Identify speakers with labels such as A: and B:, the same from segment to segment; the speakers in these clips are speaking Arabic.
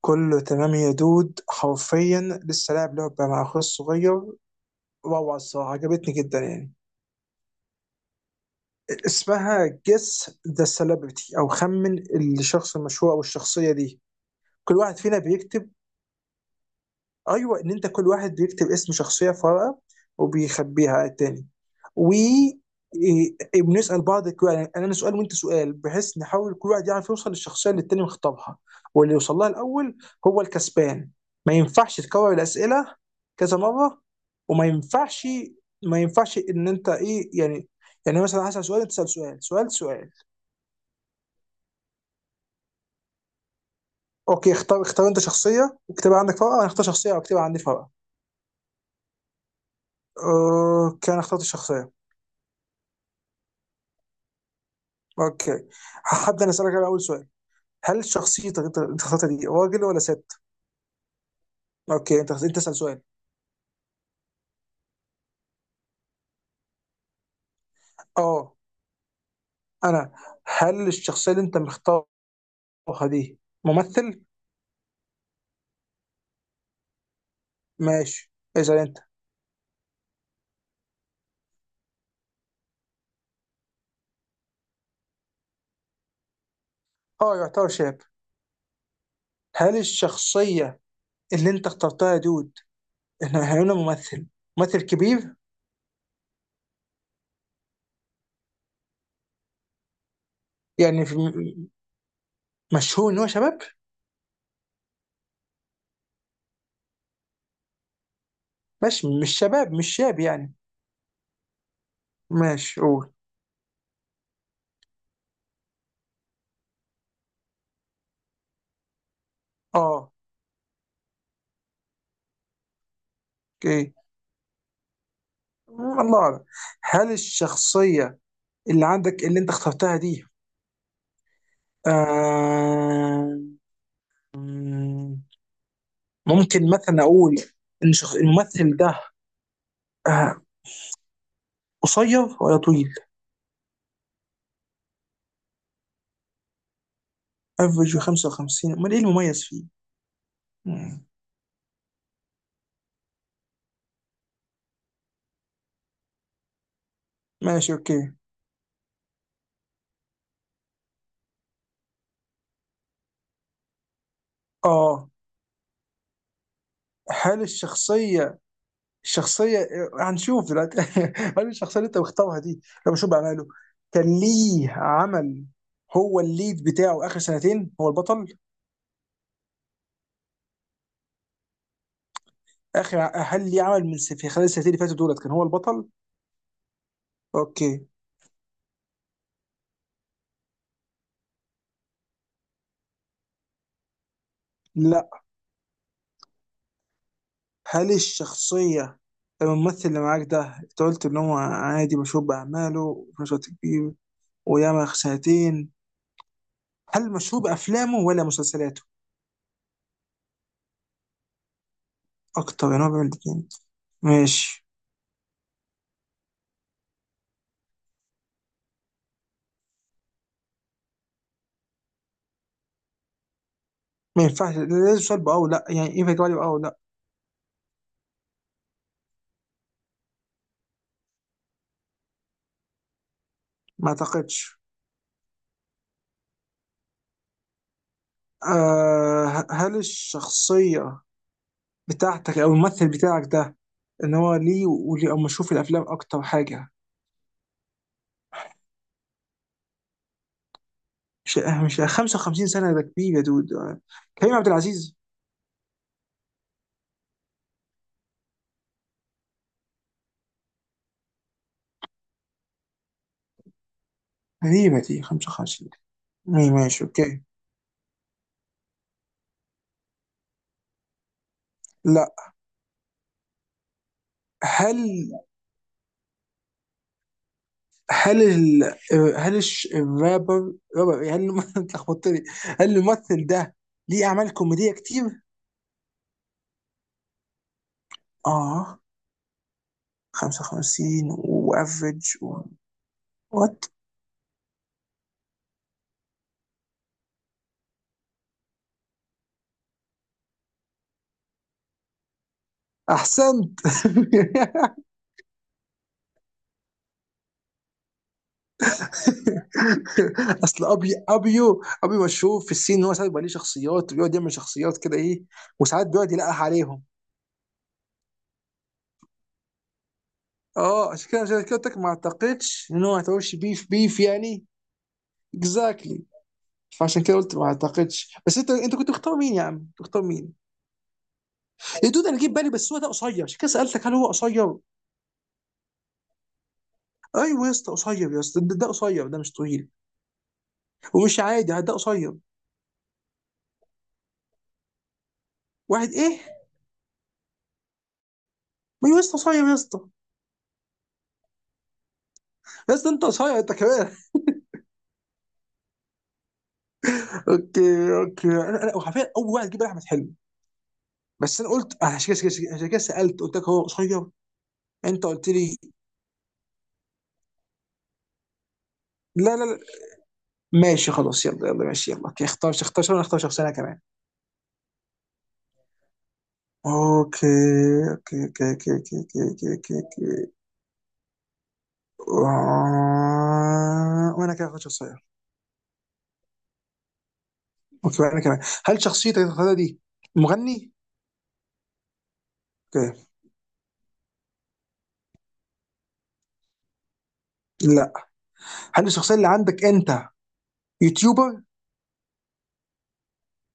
A: كله تمام يا دود، حرفيا لسه لاعب لعبة مع أخوي الصغير. روعة الصراحة، عجبتني جدا يعني. اسمها Guess the Celebrity أو خمن الشخص المشهور أو الشخصية دي. كل واحد فينا بيكتب، ايوه ان انت كل واحد بيكتب اسم شخصيه في ورقه وبيخبيها على التاني، و إيه- إيه، بنسال بعض يعني انا سؤال وانت سؤال، بحيث نحاول كل واحد يعرف يوصل للشخصيه اللي التاني مخطبها، واللي يوصل لها الاول هو الكسبان. ما ينفعش تكرر الاسئله كذا مره، وما ينفعش ما ينفعش ان انت ايه يعني، يعني مثلا هسال سؤال تسال سؤال سؤال سؤال. اوكي، اختار انت شخصيه واكتبها عندك في ورقه، انا اختار شخصيه واكتبها عندي في ورقه. اوكي، انا اخترت الشخصيه. اوكي، هبدا انا اسالك على اول سؤال. هل شخصيتك انت اخترتها دي راجل ولا ست؟ اوكي، انت اسال سؤال. اه، انا. هل الشخصيه اللي انت مختارها دي ممثل؟ ماشي. اسال انت. اه يعتبر شاب. هل الشخصيه اللي انت اخترتها يا دود انه هيكون ممثل، ممثل كبير؟ يعني في مشهور ان هو شباب؟ ماشي، مش شباب مش شاب يعني. ماشي قول. اه. اوكي. الله اعلم. هل الشخصيه اللي عندك اللي انت اخترتها دي، آه ممكن مثلا اقول ان الممثل ده، آه قصير ولا طويل؟ افريج 55، امال ايه المميز فيه؟ مم. ماشي اوكي. اه. هل الشخصية، هنشوف دلوقتي. هل الشخصية اللي انت مختارها دي لو بشوف بعمله، كان ليه عمل، هو الليد بتاعه اخر سنتين هو البطل؟ هل ليه عمل في خلال السنتين اللي فاتوا دولت كان هو البطل؟ اوكي. لا. هل الشخصية، الممثل اللي معاك ده، انت قلت ان هو عادي مشهور بأعماله وفي نفس الوقت كبير وياما سنتين، هل مشهور بأفلامه ولا مسلسلاته؟ أكتر يعني هو بيعمل الاتنين. ماشي. ما ينفعش، لازم سؤال بأه ولا لأ، يعني ينفع تجاوب عليه بأه ولا لأ. ما أعتقدش. هل الشخصية بتاعتك أو الممثل بتاعك ده، إن هو ليه وليه أو مشهور في الأفلام أكتر حاجة؟ مش أه، مش 55 سنة ده كبير يا دود، كريم عبد العزيز. غريبة دي 55. اي ماشي اوكي. لا. هل هل ال... هل الرابر، رابر إيه؟ انت لخبطتني. هل الممثل ده ليه اعمال كوميديه كتير؟ اه. 55 وافريج و... وات؟ احسنت. اصل ابيو ابيو مشهور في السين ان هو ساعات بيبقى ليه شخصيات، بيقعد يعمل شخصيات كده ايه، وساعات بيقعد يلقح عليهم. اه، عشان كده قلت لك ما اعتقدش ان هو هتعوش بيف بيف يعني. اكزاكتلي. فعشان كده قلت ما اعتقدش. بس انت كنت مختار مين يا عم؟ كنت مختار مين؟ يا دود انا جيت بالي، بس هو ده قصير، عشان كده سالتك هل هو قصير. ايوه يا اسطى قصير يا اسطى، ده ده قصير، ده مش طويل ومش عادي، ده قصير. واحد ايه؟ ما يا اسطى قصير يا اسطى. يا اسطى انت قصير انت كمان. اوكي اوكي، انا وحرفيا اول واحد جه بالي احمد حلمي، بس انا قلت عشان كده سالت قلت لك هو قصير، انت قلت لي. لا لا لا. ماشي خلاص، يلا يلا ماشي يلا. اوكي، اختار انا اختار شخصيه انا كمان. اوكي اوكي اوكي اوكي اوكي اوكي اوكي اوكي اوكي. وانا كده اخد شخصية. اوكي وانا كمان. هل شخصيتك اللي هتختارها دي مغني؟ اوكي. لا. هل الشخصية اللي عندك انت يوتيوبر؟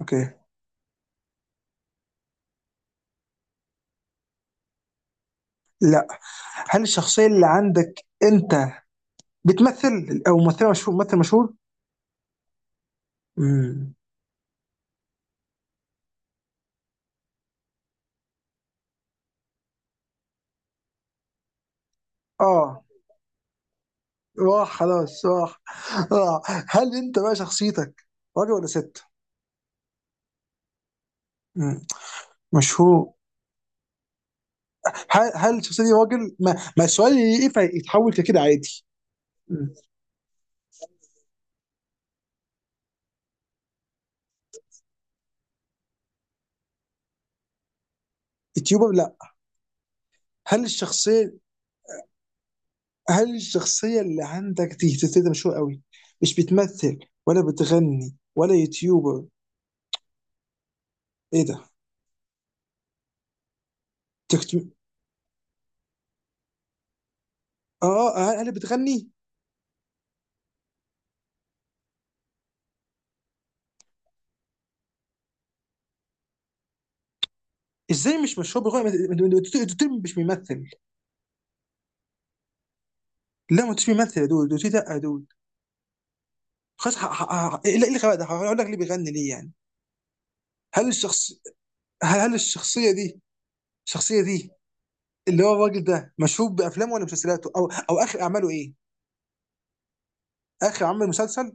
A: اوكي. لا. هل الشخصية اللي عندك انت بتمثل او ممثلة مشهور، ممثل مشهور؟ امم. اه. راح خلاص راح، راح. هل انت بقى شخصيتك راجل ولا ست؟ مم. مشهور. هل الشخصيه دي راجل، ما السؤال ينفع يتحول كده عادي. يوتيوبر لا. هل الشخصيه هل الشخصيه اللي عندك دي ده مشهور قوي، مش بتمثل ولا بتغني ولا يوتيوبر، ايه ده؟ تكت... اه. هل بتغني؟ ازاي مش مشهور بغنى، مش بيمثل؟ لا ما انتش بيمثل يا دود، دوتي لا يا دود. خلاص ايه اللي، إيه اللي خلاك ده هقول لك ليه بيغني ليه يعني؟ هل الشخص هل الشخصيه دي، الشخصيه دي اللي هو الراجل ده، مشهور بافلامه ولا مسلسلاته او او اخر اعماله ايه؟ اخر عمل مسلسل.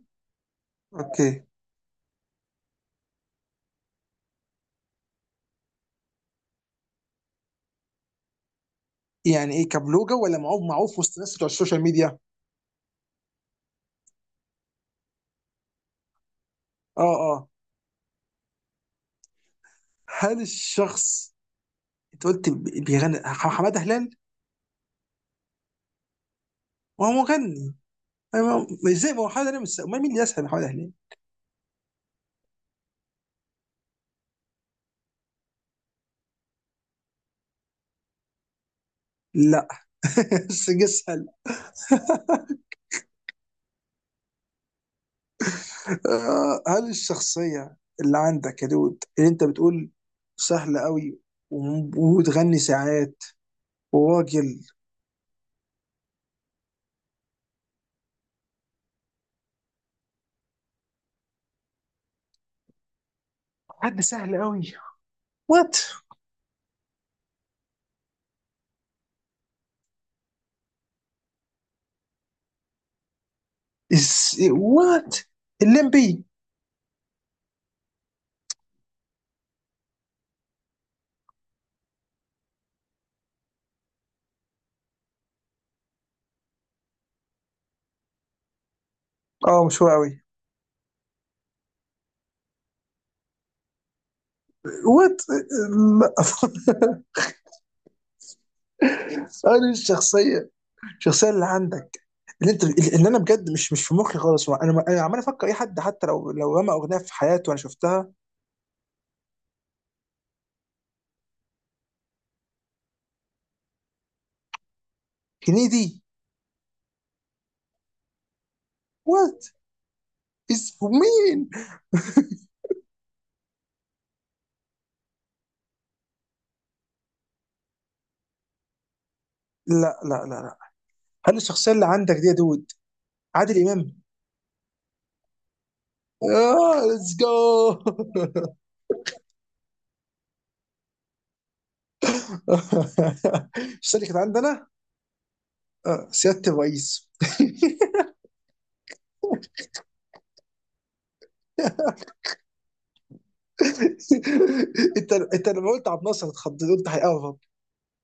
A: اوكي. يعني ايه كبلوجة ولا معروف معروف وسط الناس بتوع السوشيال ميديا؟ اه اه. هل الشخص انت قلت بيغني، حماده هلال؟ وهو مغني؟ أنا ما- هو- ازاي، ما هو حماده هلال مش أمال مين اللي يسهل، حماده هلال. لا. بس جه اسهل. هل الشخصيه اللي عندك يا دود اللي انت بتقول سهله قوي وبتغني ساعات وراجل، حد سهل قوي؟ وات؟ وات؟ الليمبي؟ اه مش هو قوي. وات؟ لا. انا الشخصيه، الشخصيه اللي عندك اللي انت اللي انا بجد مش، مش في مخي خالص، انا انا عمال افكر اي حد حتى لو لو رمى اغنيه في حياته وانا شفتها. هنيدي؟ وات؟ از مين؟ لا لا لا لا. هل الشخصيه اللي عندك دي يا دود عادل امام؟ اه ليتس جو. الشخصيه اللي كانت عندنا، سياده الرئيس. انت لما قلت عبد الناصر اتخضيت قلت هيقرب.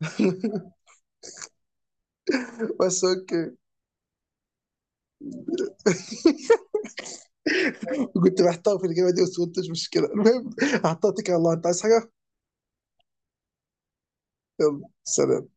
A: بس اوكي، كنت محتار في الاجابه دي بس قلت مش مشكله، المهم هحطها. تكر الله، انت عايز حاجه؟ يلا سلام.